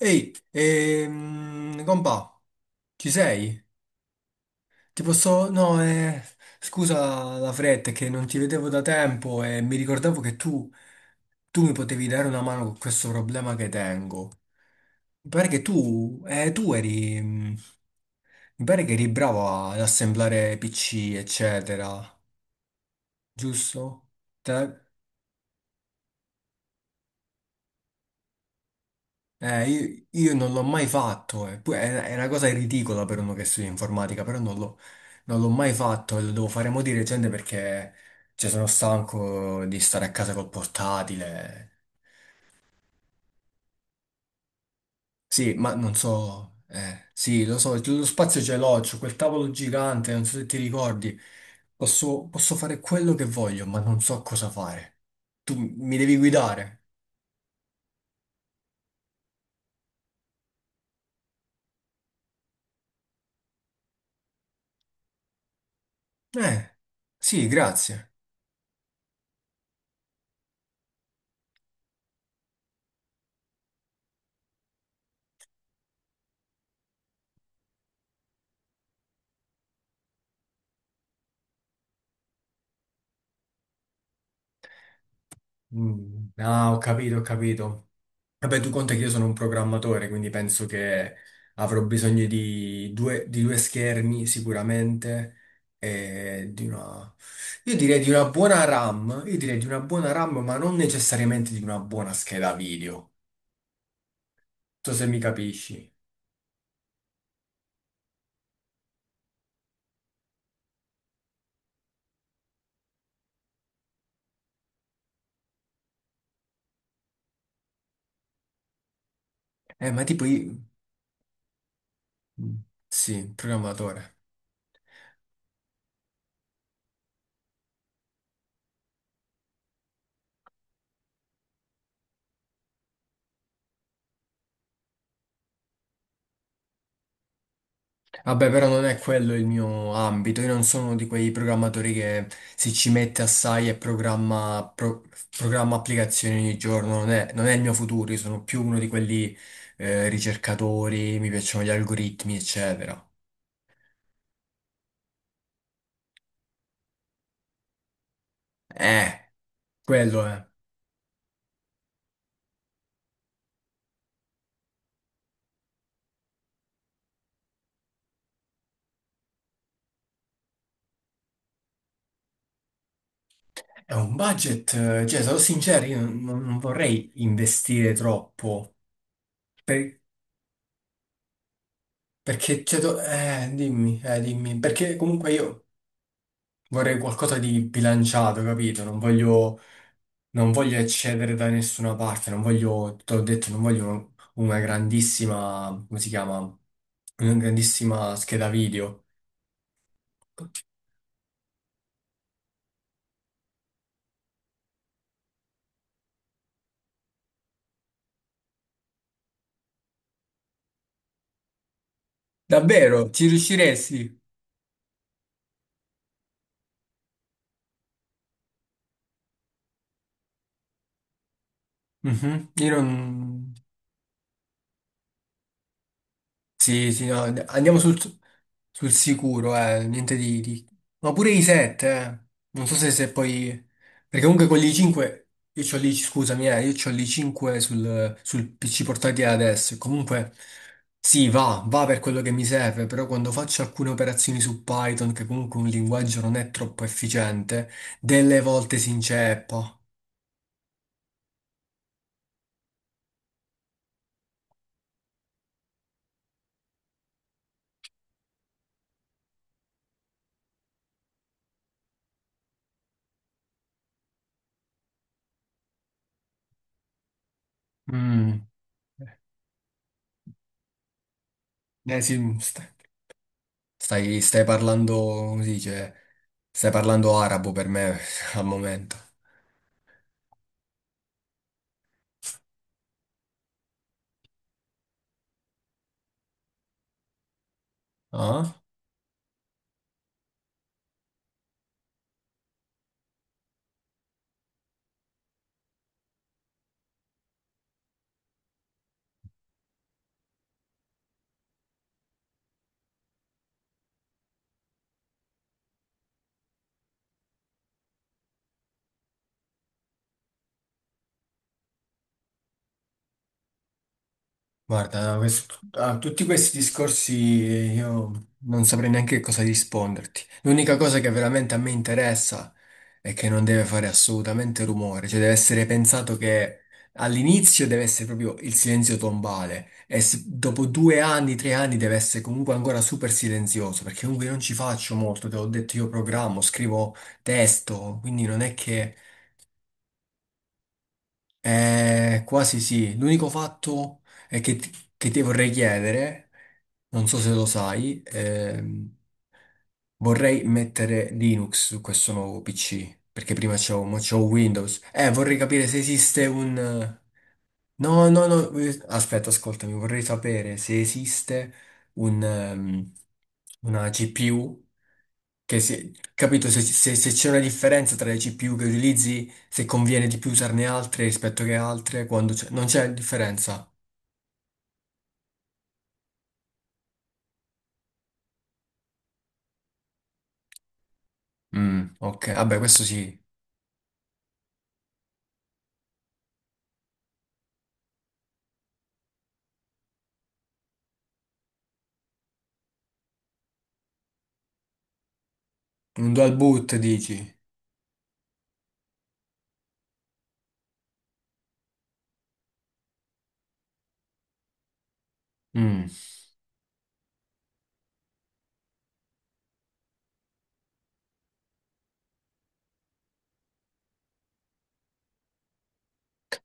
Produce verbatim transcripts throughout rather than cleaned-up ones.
Ehi, ehm, compà, ci sei? Ti posso... No, eh, scusa la fretta, è che non ti vedevo da tempo e mi ricordavo che tu, tu mi potevi dare una mano con questo problema che tengo. Mi pare che tu, eh, tu eri... mm, mi pare che eri bravo ad assemblare pi ci, eccetera, giusto? Te... Eh, io, io non l'ho mai fatto, eh. Poi è, è una cosa ridicola per uno che studia informatica, però non l'ho non l'ho mai fatto e lo devo fare mo' di recente perché cioè, sono stanco di stare a casa col portatile. Sì, ma non so, eh, sì, lo so, lo spazio ce l'ho, c'ho quel tavolo gigante, non so se ti ricordi, posso, posso fare quello che voglio, ma non so cosa fare. Tu mi devi guidare? Eh, sì, grazie. Mm. Ah, ho capito, ho capito. Vabbè, tu conta che io sono un programmatore, quindi penso che avrò bisogno di due, di due schermi sicuramente e di una... Io direi di una buona RAM, io direi di una buona RAM, ma non necessariamente di una buona scheda video. Non so se mi capisci. Eh, ma tipo io... Mm, sì, programmatore. Vabbè, però non è quello il mio ambito, io non sono uno di quei programmatori che si ci mette assai e programma, pro- programma applicazioni ogni giorno, non è, non è il mio futuro, io sono più uno di quelli eh, ricercatori, mi piacciono gli algoritmi, eccetera. Eh, quello è. È un budget, eh, cioè, sarò sincero, io non, non- non vorrei investire troppo, per- perché, cioè, do- eh, dimmi, eh, dimmi, perché comunque io vorrei qualcosa di bilanciato, capito? Non voglio... non voglio eccedere da nessuna parte, non voglio, te l'ho detto, non voglio una grandissima, come si chiama? Una grandissima scheda video. Davvero, ci riusciresti? Mhm. Io non. Sì, sì, no, and- andiamo sul, sul sicuro, eh, niente di, di- ma pure i sette, eh. Non so se, se poi... Perché comunque con gli cinque, io c'ho lì, scusami, eh, io c'ho lì cinque sul, sul pi ci portatile adesso, e comunque sì, va, va per quello che mi serve, però quando faccio alcune operazioni su Python, che comunque un linguaggio non è troppo efficiente, delle volte si inceppa. Mm, eh sì, Stai, stai parlando, come si dice, stai parlando arabo per me al momento. Ah? Guarda, questo- a tutti questi discorsi eh, io non saprei neanche cosa risponderti. L'unica cosa che veramente a me interessa è che non deve fare assolutamente rumore, cioè deve essere pensato che all'inizio deve essere proprio il silenzio tombale e s- dopo due anni, tre anni deve essere comunque ancora super silenzioso, perché comunque non ci faccio molto, te l'ho detto io programmo, scrivo testo, quindi non è che eh, quasi sì. L'unico fatto è che, ti che ti vorrei chiedere, non so se lo sai, ehm, vorrei mettere Linux su questo nuovo pi ci, perché prima c'ho, mo c'ho Windows. Eh, vorrei capire se esiste un... No, no, no, eh, aspetta, ascoltami, vorrei sapere se esiste un, ehm, una gi pi u, che se, capito, se se- se c'è una differenza tra le gi pi u che utilizzi, se conviene di più usarne altre rispetto che altre, quando c'è... Non c'è differenza. Mm, ok, vabbè, questo sì. Un dual boot, dici? Mm.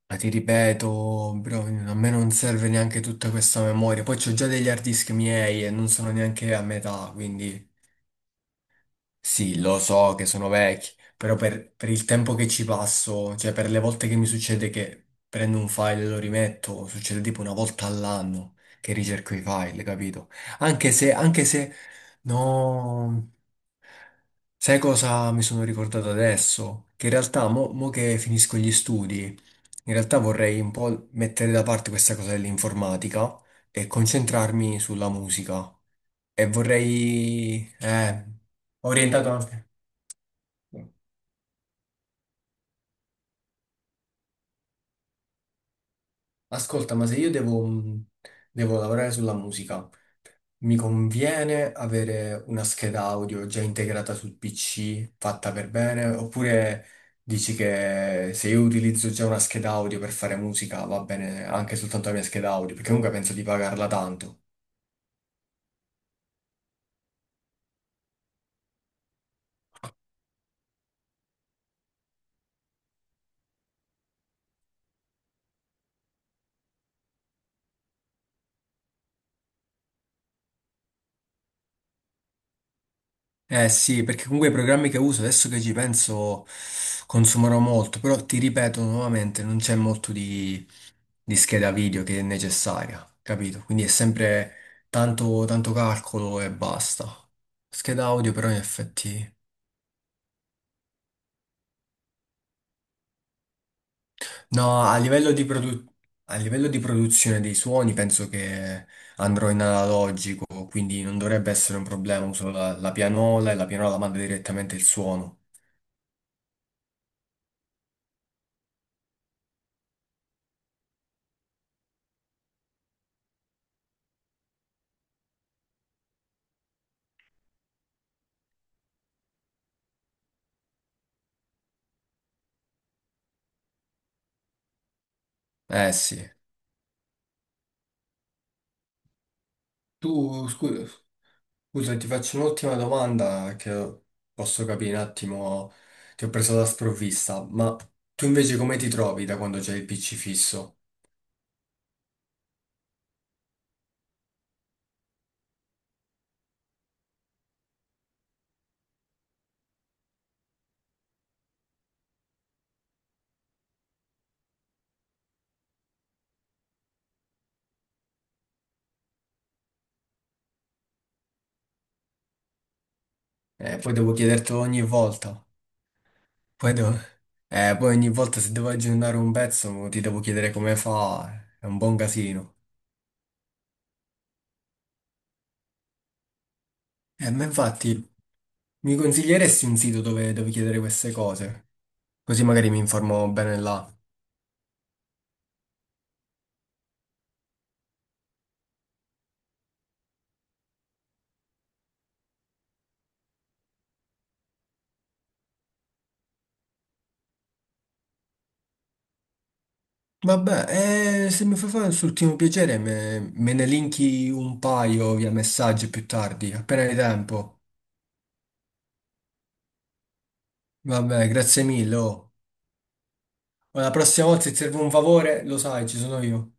Ma ti ripeto, bro, a me non serve neanche tutta questa memoria. Poi c'ho già degli hard disk miei e non sono neanche a metà, quindi sì, lo so che sono vecchi, però per, per il tempo che ci passo, cioè per le volte che mi succede che prendo un file e lo rimetto, succede tipo una volta all'anno che ricerco i file, capito? Anche se, anche se, no, sai cosa mi sono ricordato adesso? Che in realtà, mo, mo che finisco gli studi. In realtà vorrei un po' mettere da parte questa cosa dell'informatica e concentrarmi sulla musica. E vorrei... Eh, orientato anche. Ascolta, ma se io devo, mh, devo lavorare sulla musica, mi conviene avere una scheda audio già integrata sul pi ci, fatta per bene? Oppure dici che se io utilizzo già una scheda audio per fare musica, va bene anche soltanto la mia scheda audio? Perché comunque penso di pagarla tanto. Eh sì, perché comunque i programmi che uso adesso che ci penso consumano molto, però ti ripeto nuovamente, non c'è molto di, di scheda video che è necessaria, capito? Quindi è sempre tanto, tanto calcolo e basta. Scheda audio però in effetti... No, a livello di, produ- a livello di produzione dei suoni penso che andrò in analogico, quindi non dovrebbe essere un problema, uso la, la pianola e la pianola manda direttamente il suono. Eh sì. Tu, scusa. Scusa, ti faccio un'ultima domanda che posso capire un attimo, ti ho preso da sprovvista, ma tu invece come ti trovi da quando c'è il pi ci fisso? Eh, poi devo chiedertelo ogni volta. Poi, devo- eh, poi ogni volta se devo aggiornare un pezzo ti devo chiedere come fa, è un buon casino. Eh, ma infatti mi consiglieresti un sito dove, dove chiedere queste cose? Così magari mi informo bene là. Vabbè, eh, se mi fai fare questo ultimo piacere, me, me ne linki un paio via messaggio più tardi, appena hai tempo. Vabbè, grazie mille. Oh. La prossima volta se ti serve un favore, lo sai, ci sono io.